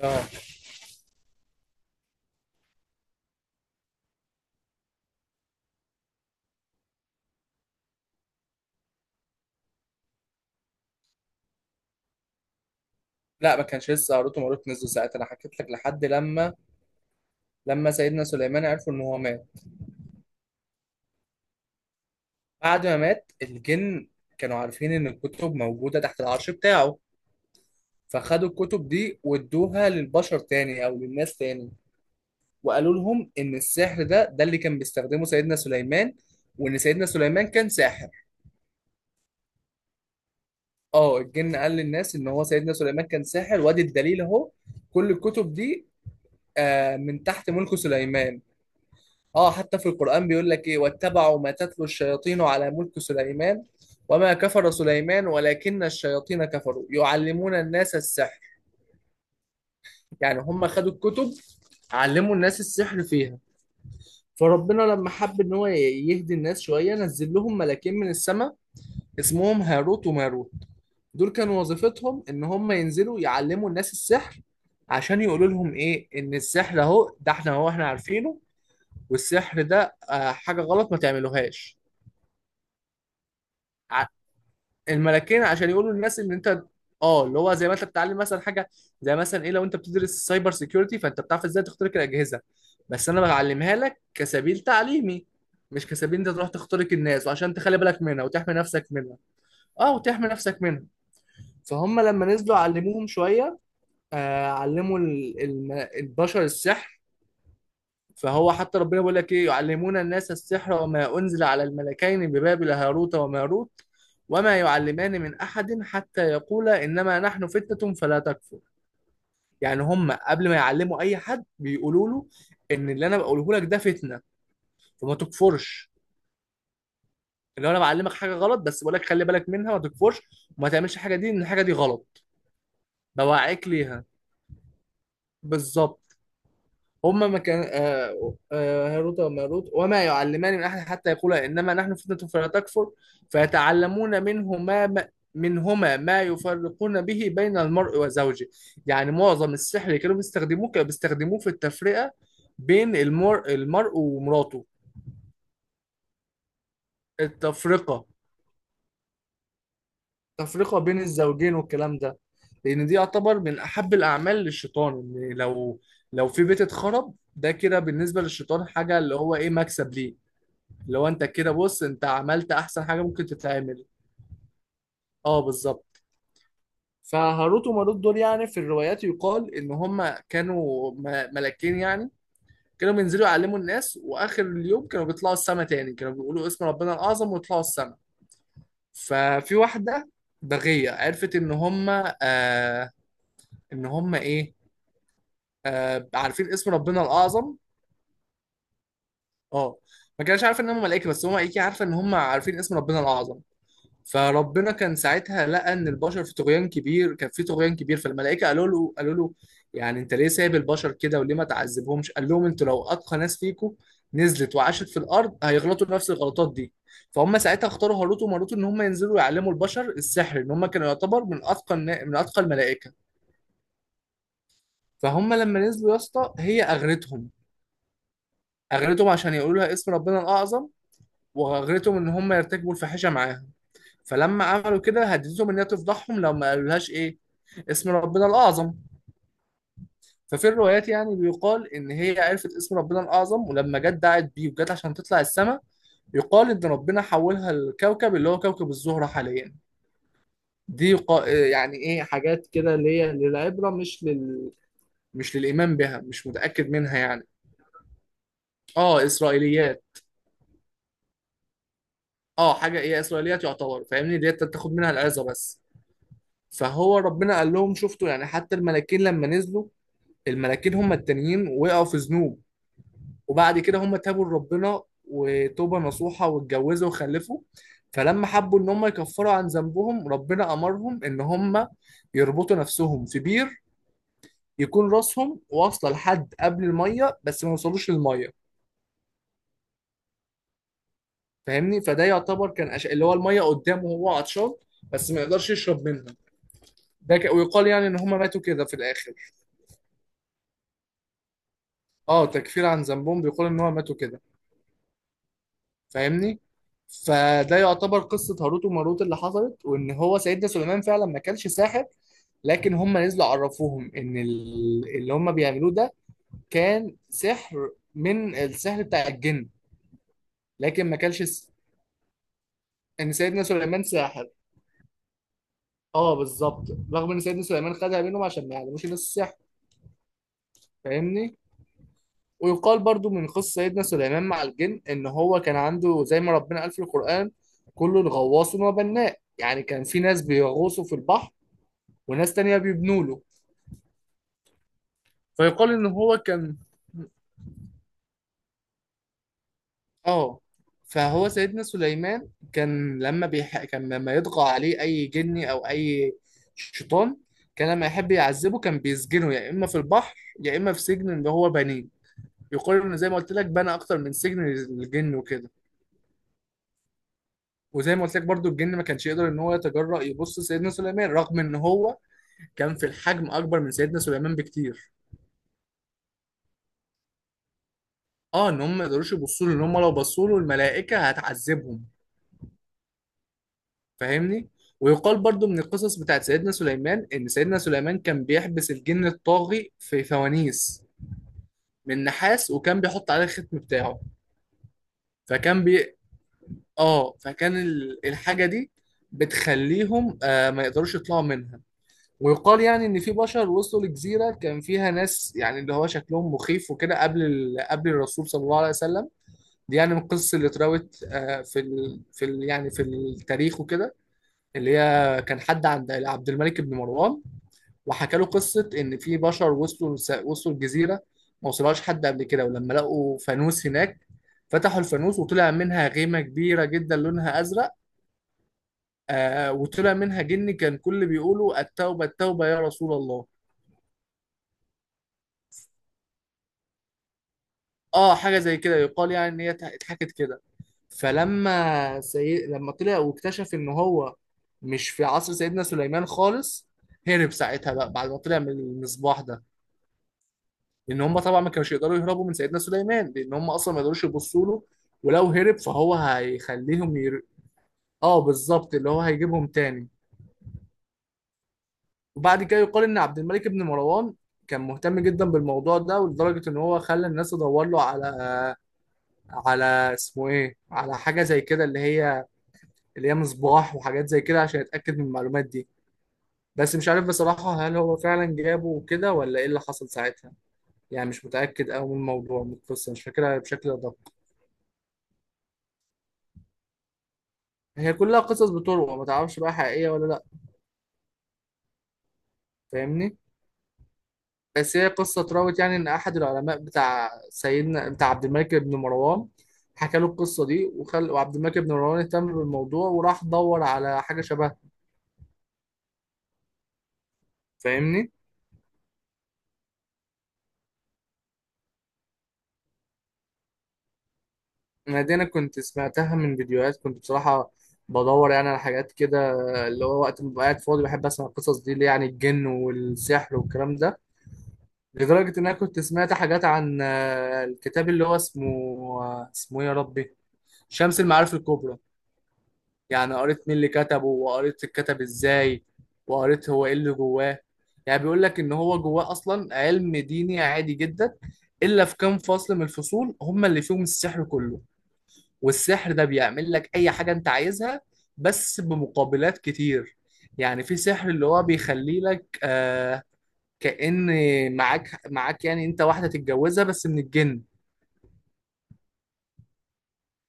اه لا، ما كانش لسه هاروت وماروت نزلوا ساعتها. انا حكيت لك لحد لما سيدنا سليمان عرفوا ان هو مات. بعد ما مات الجن كانوا عارفين ان الكتب موجوده تحت العرش بتاعه، فخدوا الكتب دي وادوها للبشر تاني او للناس تاني، وقالوا لهم ان السحر ده اللي كان بيستخدمه سيدنا سليمان، وان سيدنا سليمان كان ساحر. اه الجن قال للناس ان هو سيدنا سليمان كان ساحر، وادي الدليل اهو كل الكتب دي، من تحت ملك سليمان. اه حتى في القرآن بيقول لك ايه: واتبعوا ما تتلو الشياطين على ملك سليمان وما كفر سليمان ولكن الشياطين كفروا يعلمون الناس السحر. يعني هم خدوا الكتب، علموا الناس السحر فيها. فربنا لما حب ان هو يهدي الناس شوية نزل لهم ملاكين من السماء اسمهم هاروت وماروت. دول كانوا وظيفتهم ان هم ينزلوا يعلموا الناس السحر، عشان يقولوا لهم ايه، ان السحر اهو ده احنا، هو احنا عارفينه، والسحر ده حاجة غلط ما تعملوهاش. الملكين عشان يقولوا للناس ان انت، اه اللي هو زي ما انت بتتعلم مثلا حاجه، زي مثلا ايه، لو انت بتدرس سايبر سيكيورتي فانت بتعرف ازاي تخترق الاجهزه، بس انا بعلمها لك كسبيل تعليمي، مش كسبيل انت تروح تخترق الناس، وعشان تخلي بالك منها وتحمي نفسك منها. اه، وتحمي نفسك منها. فهم لما نزلوا علموهم شويه، علموا البشر السحر. فهو حتى ربنا بيقول لك ايه: يعلمون الناس السحر وما انزل على الملكين ببابل هاروت وماروت وما يعلمان من احد حتى يقولا انما نحن فتنة فلا تكفر. يعني هم قبل ما يعلموا اي حد بيقولوا له ان اللي انا بقوله لك ده فتنة، فما تكفرش. اللي هو انا بعلمك حاجة غلط بس بقول لك خلي بالك منها، ما تكفرش وما تعملش الحاجة دي، ان الحاجة دي غلط. بوعيك ليها. بالظبط. هما ما كان هاروت وماروت، وما يعلمان من أحد حتى يقولا إنما نحن فتنة فلا تكفر. فيتعلمون منهما ما يفرقون به بين المرء وزوجه. يعني معظم السحر اللي كانوا بيستخدموه كانوا بيستخدموه في التفرقة بين المرء ومراته. التفرقة التفرقة بين الزوجين والكلام ده. لأن دي يعتبر من أحب الأعمال للشيطان، إن لو في بيت اتخرب، ده كده بالنسبة للشيطان حاجة اللي هو إيه، مكسب ليه. لو انت كده، بص انت عملت احسن حاجه ممكن تتعمل. اه، بالظبط. فهاروت وماروت دول، يعني في الروايات يقال ان هم كانوا ملاكين، يعني كانوا بينزلوا يعلموا الناس واخر اليوم كانوا بيطلعوا السما تاني، كانوا بيقولوا اسم ربنا الاعظم ويطلعوا السما. ففي واحده بغيه عرفت ان هم، آه ان هم ايه آه عارفين اسم ربنا الاعظم. اه، ما كانش عارف ان هم ملائكه، بس هم ايه، عارفه ان هم عارفين اسم ربنا الاعظم. فربنا كان ساعتها لقى ان البشر في طغيان كبير، كان في طغيان كبير، فالملائكه قالوا له يعني انت ليه سايب البشر كده وليه ما تعذبهمش. قال لهم انتوا لو اتقى ناس فيكم نزلت وعاشت في الارض هيغلطوا نفس الغلطات دي. فهم ساعتها اختاروا هاروت وماروت ان هم ينزلوا يعلموا البشر السحر، ان هم كانوا يعتبر من اتقى من اتقى الملائكه. فهم لما نزلوا يا اسطى هي اغرتهم، اغرتهم عشان يقولوا لها اسم ربنا الاعظم، واغرتهم ان هم يرتكبوا الفاحشه معاها. فلما عملوا كده هددتهم انها تفضحهم لو ما قالولهاش ايه، اسم ربنا الاعظم. ففي الروايات يعني بيقال ان هي عرفت اسم ربنا الاعظم ولما جت دعت بيه وجت عشان تطلع السماء، يقال ان ربنا حولها لكوكب اللي هو كوكب الزهرة حاليا. دي يعني ايه، حاجات كده اللي هي للعبرة، مش للايمان بها، مش متاكد منها يعني. اه، اسرائيليات. اه، حاجه ايه، اسرائيليات يعتبر، فاهمني، اللي هي تاخد منها العظه بس. فهو ربنا قال لهم شفتوا يعني حتى الملاكين لما نزلوا، الملاكين هم التانيين وقعوا في ذنوب، وبعد كده هم تابوا لربنا وتوبة نصوحة واتجوزوا وخلفوا. فلما حبوا ان هم يكفروا عن ذنبهم ربنا امرهم ان هم يربطوا نفسهم في بير، يكون راسهم واصله لحد قبل الميه بس ما يوصلوش للميه. فاهمني، فده يعتبر كان اللي هو الميه قدامه وهو عطشان بس ما يقدرش يشرب منها. ويقال يعني ان هم ماتوا كده في الاخر. اه، تكفير عن ذنبهم، بيقال ان هم ماتوا كده. فاهمني. فده يعتبر قصة هاروت وماروت اللي حصلت، وإن هو سيدنا سليمان فعلا ما كانش ساحر، لكن هم نزلوا عرفوهم إن اللي هم بيعملوه ده كان سحر من السحر بتاع الجن، لكن ما كانش إن سيدنا سليمان ساحر. اه، بالظبط. رغم إن سيدنا سليمان خدها منهم عشان ما يعلموش الناس السحر. فاهمني. ويقال برضو من قصة سيدنا سليمان مع الجن إن هو كان عنده زي ما ربنا قال في القرآن: كل الغواص وما بناء، يعني كان في ناس بيغوصوا في البحر وناس تانية بيبنوا له. فيقال ان هو كان، اه فهو سيدنا سليمان كان لما كان لما يطغى عليه اي جني او اي شيطان، كان لما يحب يعذبه كان بيسجنه يا اما في البحر يا اما في سجن اللي هو بنيه. يقال انه زي ما قلت لك بنى اكتر من سجن للجن وكده. وزي ما قلت لك برضو الجن ما كانش يقدر ان هو يتجرأ يبص سيدنا سليمان رغم ان هو كان في الحجم اكبر من سيدنا سليمان بكتير. اه، ان هم ما يقدروش يبصوا له، ان هم لو بصوا له الملائكه هتعذبهم. فاهمني. ويقال برضو من القصص بتاعت سيدنا سليمان ان سيدنا سليمان كان بيحبس الجن الطاغي في فوانيس من نحاس وكان بيحط عليه الختم بتاعه. فكان بي اه فكان ال- الحاجة دي بتخليهم ما يقدروش يطلعوا منها. ويقال يعني ان في بشر وصلوا لجزيرة كان فيها ناس، يعني اللي هو شكلهم مخيف وكده، قبل قبل الرسول صلى الله عليه وسلم. دي يعني من القصص اللي اتراوت يعني في التاريخ وكده، اللي هي كان حد عند عبد الملك بن مروان وحكى له قصه ان في بشر وصلوا، وصلوا الجزيره ما وصلهاش حد قبل كده، ولما لقوا فانوس هناك فتحوا الفانوس وطلع منها غيمه كبيره جدا لونها ازرق، وطلع منها جن كان كل بيقولوا التوبه التوبه يا رسول الله. اه، حاجه زي كده يقال يعني ان هي اتحكت كده. فلما لما طلع واكتشف ان هو مش في عصر سيدنا سليمان خالص، هرب ساعتها بقى بعد ما طلع من المصباح ده، لان هم طبعا ما كانوش يقدروا يهربوا من سيدنا سليمان لان هم اصلا ما يقدروش يبصوا له، ولو هرب فهو هيخليهم. اه، بالظبط، اللي هو هيجيبهم تاني. وبعد كده يقال ان عبد الملك بن مروان كان مهتم جدا بالموضوع ده، ولدرجه ان هو خلى الناس تدور له على اسمه ايه، على حاجه زي كده، اللي هي مصباح وحاجات زي كده عشان يتاكد من المعلومات دي. بس مش عارف بصراحه هل هو فعلا جابه وكده ولا ايه اللي حصل ساعتها. يعني مش متاكد قوي من الموضوع، من القصه، مش فاكرها بشكل دقيق. هي كلها قصص بتروى ما تعرفش بقى حقيقية ولا لا. فاهمني. بس هي قصة اتراوت يعني ان احد العلماء بتاع سيدنا، بتاع عبد الملك بن مروان، حكى له القصة دي، وعبد الملك بن مروان اهتم بالموضوع وراح دور على حاجة شبهها. فاهمني. انا دي انا كنت سمعتها من فيديوهات، كنت بصراحة بدور يعني على حاجات كده، اللي هو وقت ما ببقى قاعد فاضي بحب اسمع القصص دي اللي يعني الجن والسحر والكلام ده. لدرجة ان انا كنت سمعت حاجات عن الكتاب اللي هو اسمه، اسمه ايه يا ربي، شمس المعارف الكبرى. يعني قريت مين اللي كتبه، وقريت اتكتب ازاي، وقريت هو ايه اللي جواه. يعني بيقول لك ان هو جواه اصلا علم ديني عادي جدا، الا في كام فصل من الفصول هم اللي فيهم السحر كله. والسحر ده بيعمل لك اي حاجة انت عايزها بس بمقابلات كتير. يعني في سحر اللي هو بيخلي لك كأن معاك، معاك يعني انت واحدة تتجوزها بس من الجن.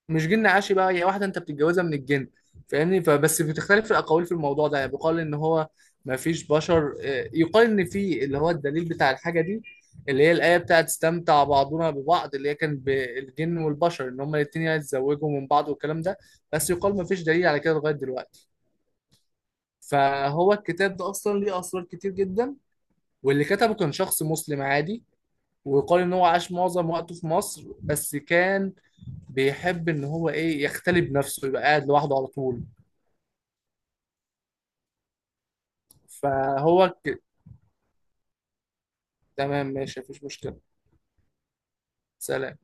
مش جن عاشي بقى، هي واحده انت بتتجوزها من الجن. فاهمني. فبس بتختلف الاقاويل في الموضوع ده، يعني بيقال ان هو ما فيش بشر، يقال ان في اللي هو الدليل بتاع الحاجه دي، اللي هي الايه بتاعت استمتع بعضنا ببعض، اللي هي كان بالجن والبشر ان هما الاثنين يتزوجوا من بعض والكلام ده، بس يقال ما فيش دليل على كده لغايه دلوقتي. فهو الكتاب ده اصلا ليه اسرار كتير جدا، واللي كتبه كان شخص مسلم عادي، ويقال ان هو عاش معظم وقته في مصر، بس كان بيحب ان هو ايه يختلي بنفسه يبقى قاعد لوحده على طول. فهو ك... تمام ماشي، مفيش مشكلة. سلام.